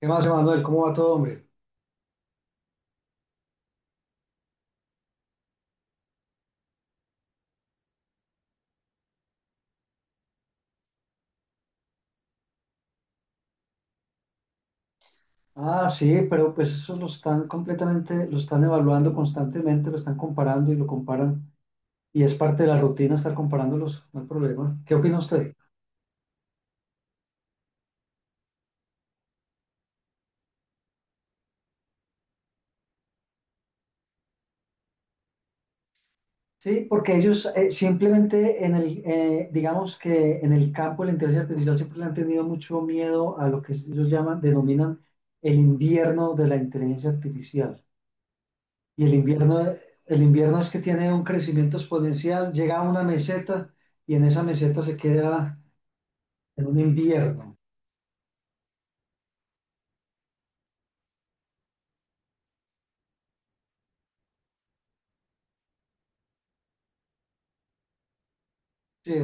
¿Qué más, Emanuel? ¿Cómo va todo, hombre? Ah, sí, pero pues eso lo están completamente, lo están evaluando constantemente, lo están comparando y lo comparan. Y es parte de la rutina estar comparándolos, no hay problema. ¿Qué opina usted? Sí, porque ellos simplemente en el, digamos que en el campo de la inteligencia artificial siempre le han tenido mucho miedo a lo que ellos llaman, denominan el invierno de la inteligencia artificial. Y el invierno es que tiene un crecimiento exponencial, llega a una meseta y en esa meseta se queda en un invierno. Sí,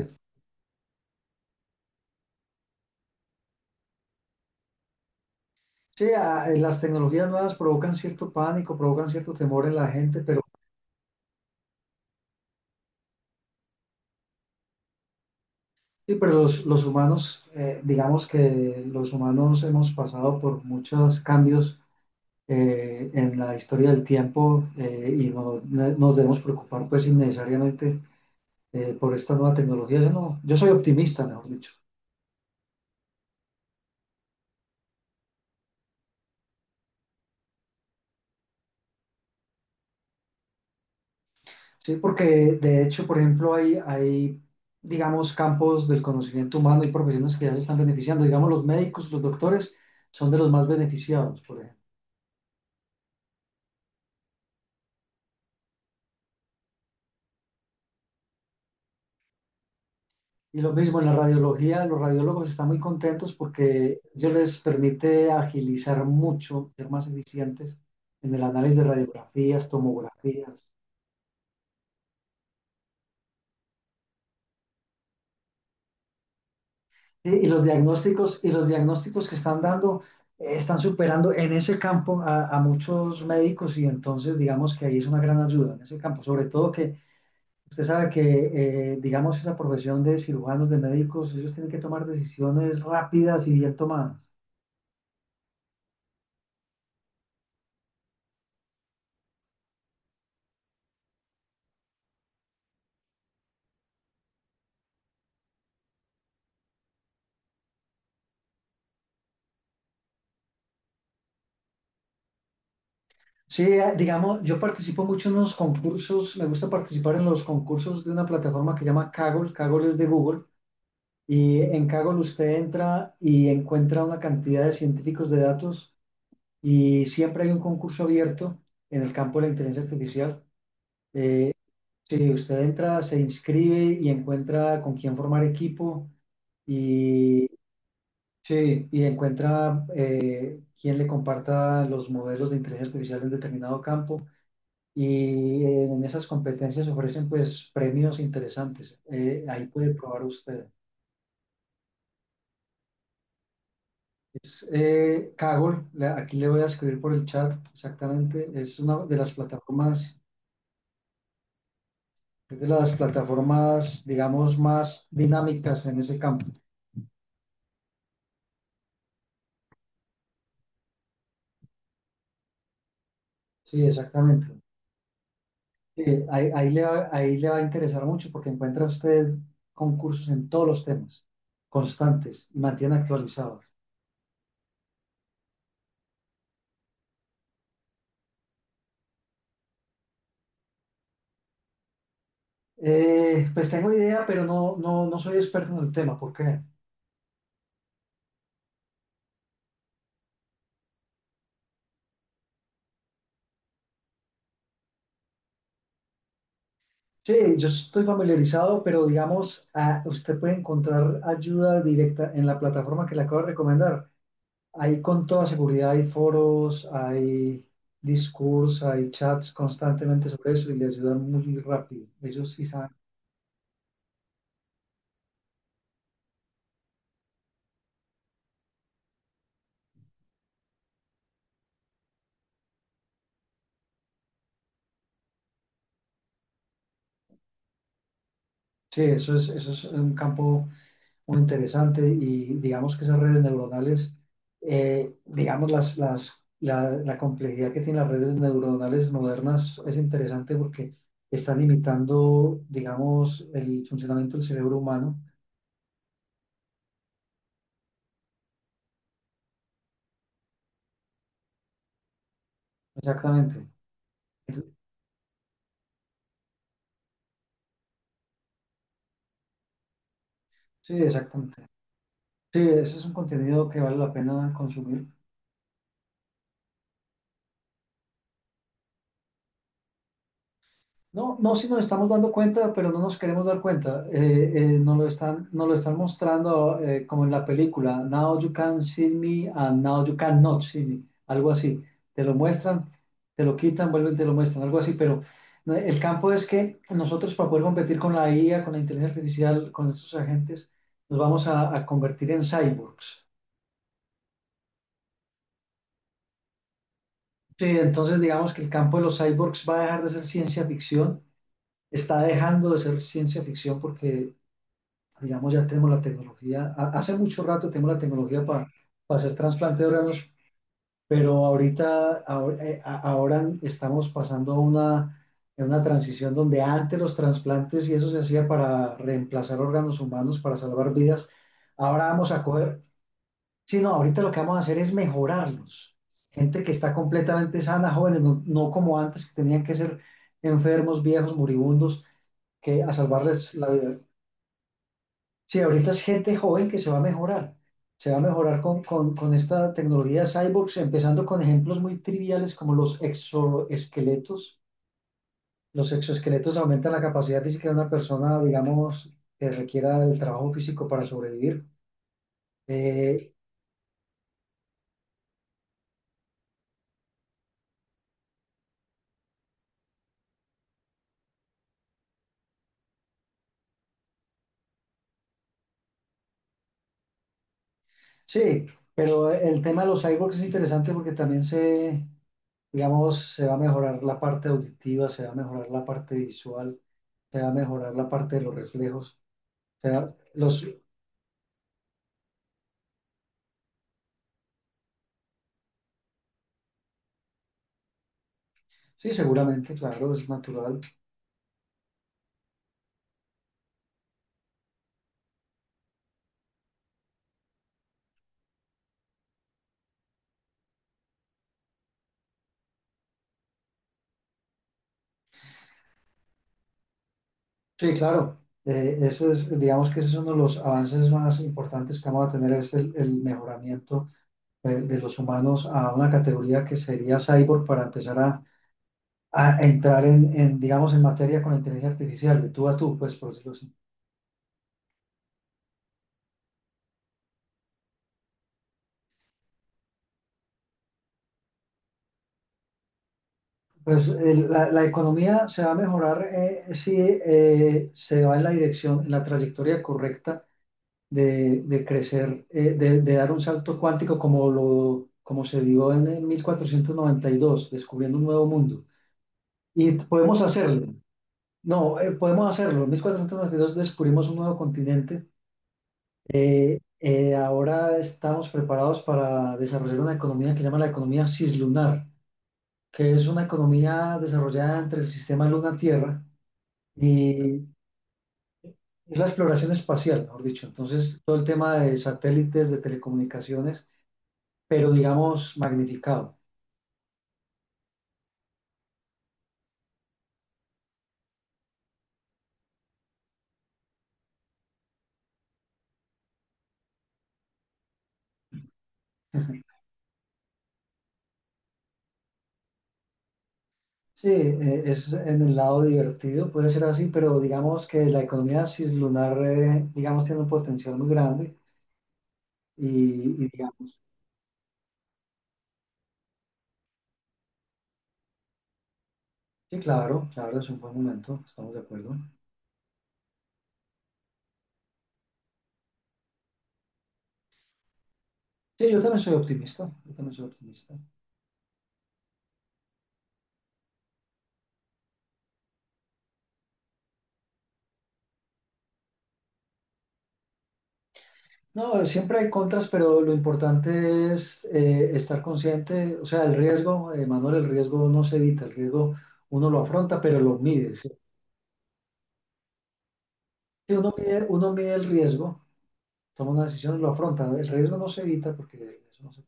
sí, ah, las tecnologías nuevas provocan cierto pánico, provocan cierto temor en la gente, pero sí, pero los humanos, digamos que los humanos hemos pasado por muchos cambios en la historia del tiempo y no, nos debemos preocupar pues innecesariamente por esta nueva tecnología. Yo no, yo soy optimista, mejor dicho. Sí, porque de hecho, por ejemplo, digamos, campos del conocimiento humano y profesiones que ya se están beneficiando. Digamos, los médicos, los doctores son de los más beneficiados, por ejemplo. Y lo mismo en la radiología, los radiólogos están muy contentos porque ello les permite agilizar mucho, ser más eficientes en el análisis de radiografías, tomografías. Sí, y los diagnósticos que están dando están superando en ese campo a muchos médicos y entonces digamos que ahí es una gran ayuda en ese campo, sobre todo que usted sabe que digamos esa profesión de cirujanos, de médicos, ellos tienen que tomar decisiones rápidas y bien tomadas. Sí, digamos, yo participo mucho en los concursos, me gusta participar en los concursos de una plataforma que se llama Kaggle, Kaggle es de Google, y en Kaggle usted entra y encuentra una cantidad de científicos de datos. Y siempre hay un concurso abierto en el campo de la inteligencia artificial. Si usted entra, se inscribe y encuentra con quién formar equipo y, sí, y encuentra quién le comparta los modelos de inteligencia artificial en determinado campo. Y en esas competencias ofrecen pues premios interesantes. Ahí puede probar usted. Kaggle, aquí le voy a escribir por el chat exactamente, es una de las plataformas. Es de las plataformas, digamos, más dinámicas en ese campo. Sí, exactamente. Sí, ahí, ahí le va a interesar mucho porque encuentra usted concursos en todos los temas, constantes, y mantiene actualizado. Pues tengo idea, pero no, no, no soy experto en el tema. ¿Por qué? Sí, yo estoy familiarizado, pero digamos, ah, usted puede encontrar ayuda directa en la plataforma que le acabo de recomendar. Hay con toda seguridad, hay foros, hay discursos, hay chats constantemente sobre eso y les ayudan muy rápido. Ellos sí saben. Sí, eso es un campo muy interesante y digamos que esas redes neuronales, digamos, la complejidad que tienen las redes neuronales modernas es interesante porque están imitando, digamos, el funcionamiento del cerebro humano. Exactamente. Entonces, sí, exactamente. Sí, ese es un contenido que vale la pena consumir. No, no, si nos estamos dando cuenta, pero no nos queremos dar cuenta. Nos lo están mostrando como en la película, Now you can see me and now you cannot see me, algo así. Te lo muestran, te lo quitan, vuelven, te lo muestran, algo así. Pero no, el campo es que nosotros para poder competir con la IA, con la inteligencia artificial, con estos agentes, nos vamos a convertir en cyborgs. Sí, entonces digamos que el campo de los cyborgs va a dejar de ser ciencia ficción, está dejando de ser ciencia ficción porque digamos, ya tenemos la tecnología, hace mucho rato tenemos la tecnología para hacer trasplante de órganos, pero ahorita, ahora, ahora estamos pasando a una transición donde antes los trasplantes y eso se hacía para reemplazar órganos humanos, para salvar vidas, ahora vamos a coger, sí, no, ahorita lo que vamos a hacer es mejorarlos. Gente que está completamente sana, jóvenes, no, no como antes, que tenían que ser enfermos, viejos, moribundos, que a salvarles la vida. Sí, ahorita es gente joven que se va a mejorar. Se va a mejorar con esta tecnología cyborgs, empezando con ejemplos muy triviales como los exoesqueletos. Los exoesqueletos aumentan la capacidad física de una persona, digamos, que requiera del trabajo físico para sobrevivir. Eh, sí, pero el tema de los cyborgs es interesante porque también se, digamos, se va a mejorar la parte auditiva, se va a mejorar la parte visual, se va a mejorar la parte de los reflejos. O sea, los, sí, seguramente, claro, es natural. Sí, claro. Ese es, digamos que ese es uno de los avances más importantes que vamos a tener, el mejoramiento de los humanos a una categoría que sería cyborg para empezar a entrar en, digamos, en materia con la inteligencia artificial, de tú a tú, pues, por decirlo así. Pues la, la economía se va a mejorar si se va en la dirección, en la trayectoria correcta de crecer, de dar un salto cuántico como, lo, como se dio en el 1492, descubriendo un nuevo mundo. Y podemos hacerlo. No, podemos hacerlo. En 1492 descubrimos un nuevo continente. Ahora estamos preparados para desarrollar una economía que se llama la economía cislunar, que es una economía desarrollada entre el sistema Luna-Tierra y es la exploración espacial, mejor dicho. Entonces, todo el tema de satélites, de telecomunicaciones, pero digamos magnificado. Sí, es en el lado divertido, puede ser así, pero digamos que la economía cislunar, digamos, tiene un potencial muy grande y, y digamos, sí, claro, claro, es un buen momento, estamos de acuerdo. Sí, yo también soy optimista, yo también soy optimista. No, siempre hay contras, pero lo importante es estar consciente, o sea, el riesgo, Manuel, el riesgo no se evita, el riesgo uno lo afronta, pero lo mide. ¿Sí? Si uno mide, uno mide el riesgo, toma una decisión y lo afronta, el riesgo no se evita porque el no se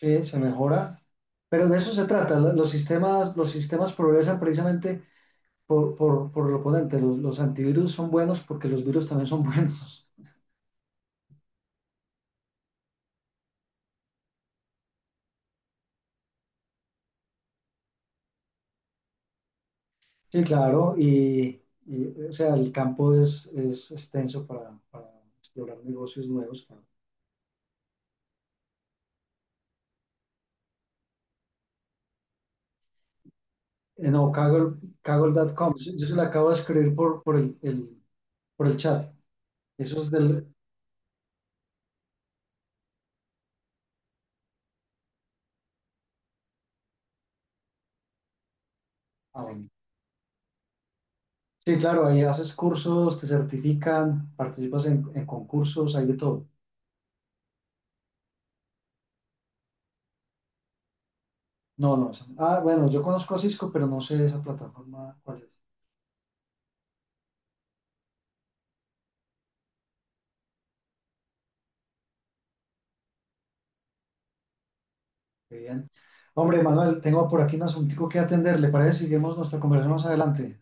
sí, se mejora, pero de eso se trata. Los sistemas progresan precisamente por el oponente. Los antivirus son buenos porque los virus también son buenos. Sí, claro, y, o sea, el campo es extenso para explorar negocios nuevos. No, Kaggle, Kaggle.com, yo se lo acabo de escribir por por el chat. Eso es del... ah, bueno. Sí, claro, ahí haces cursos, te certifican, participas en concursos, hay de todo. No, no. No. Ah, bueno, yo conozco a Cisco, pero no sé esa plataforma cuál es. Qué bien. Hombre, Manuel, tengo por aquí un asuntico que atender. ¿Le parece? Seguimos nuestra conversación más adelante.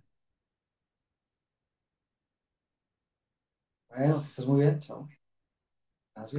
Bueno, que estés muy bien. Chao. Gracias.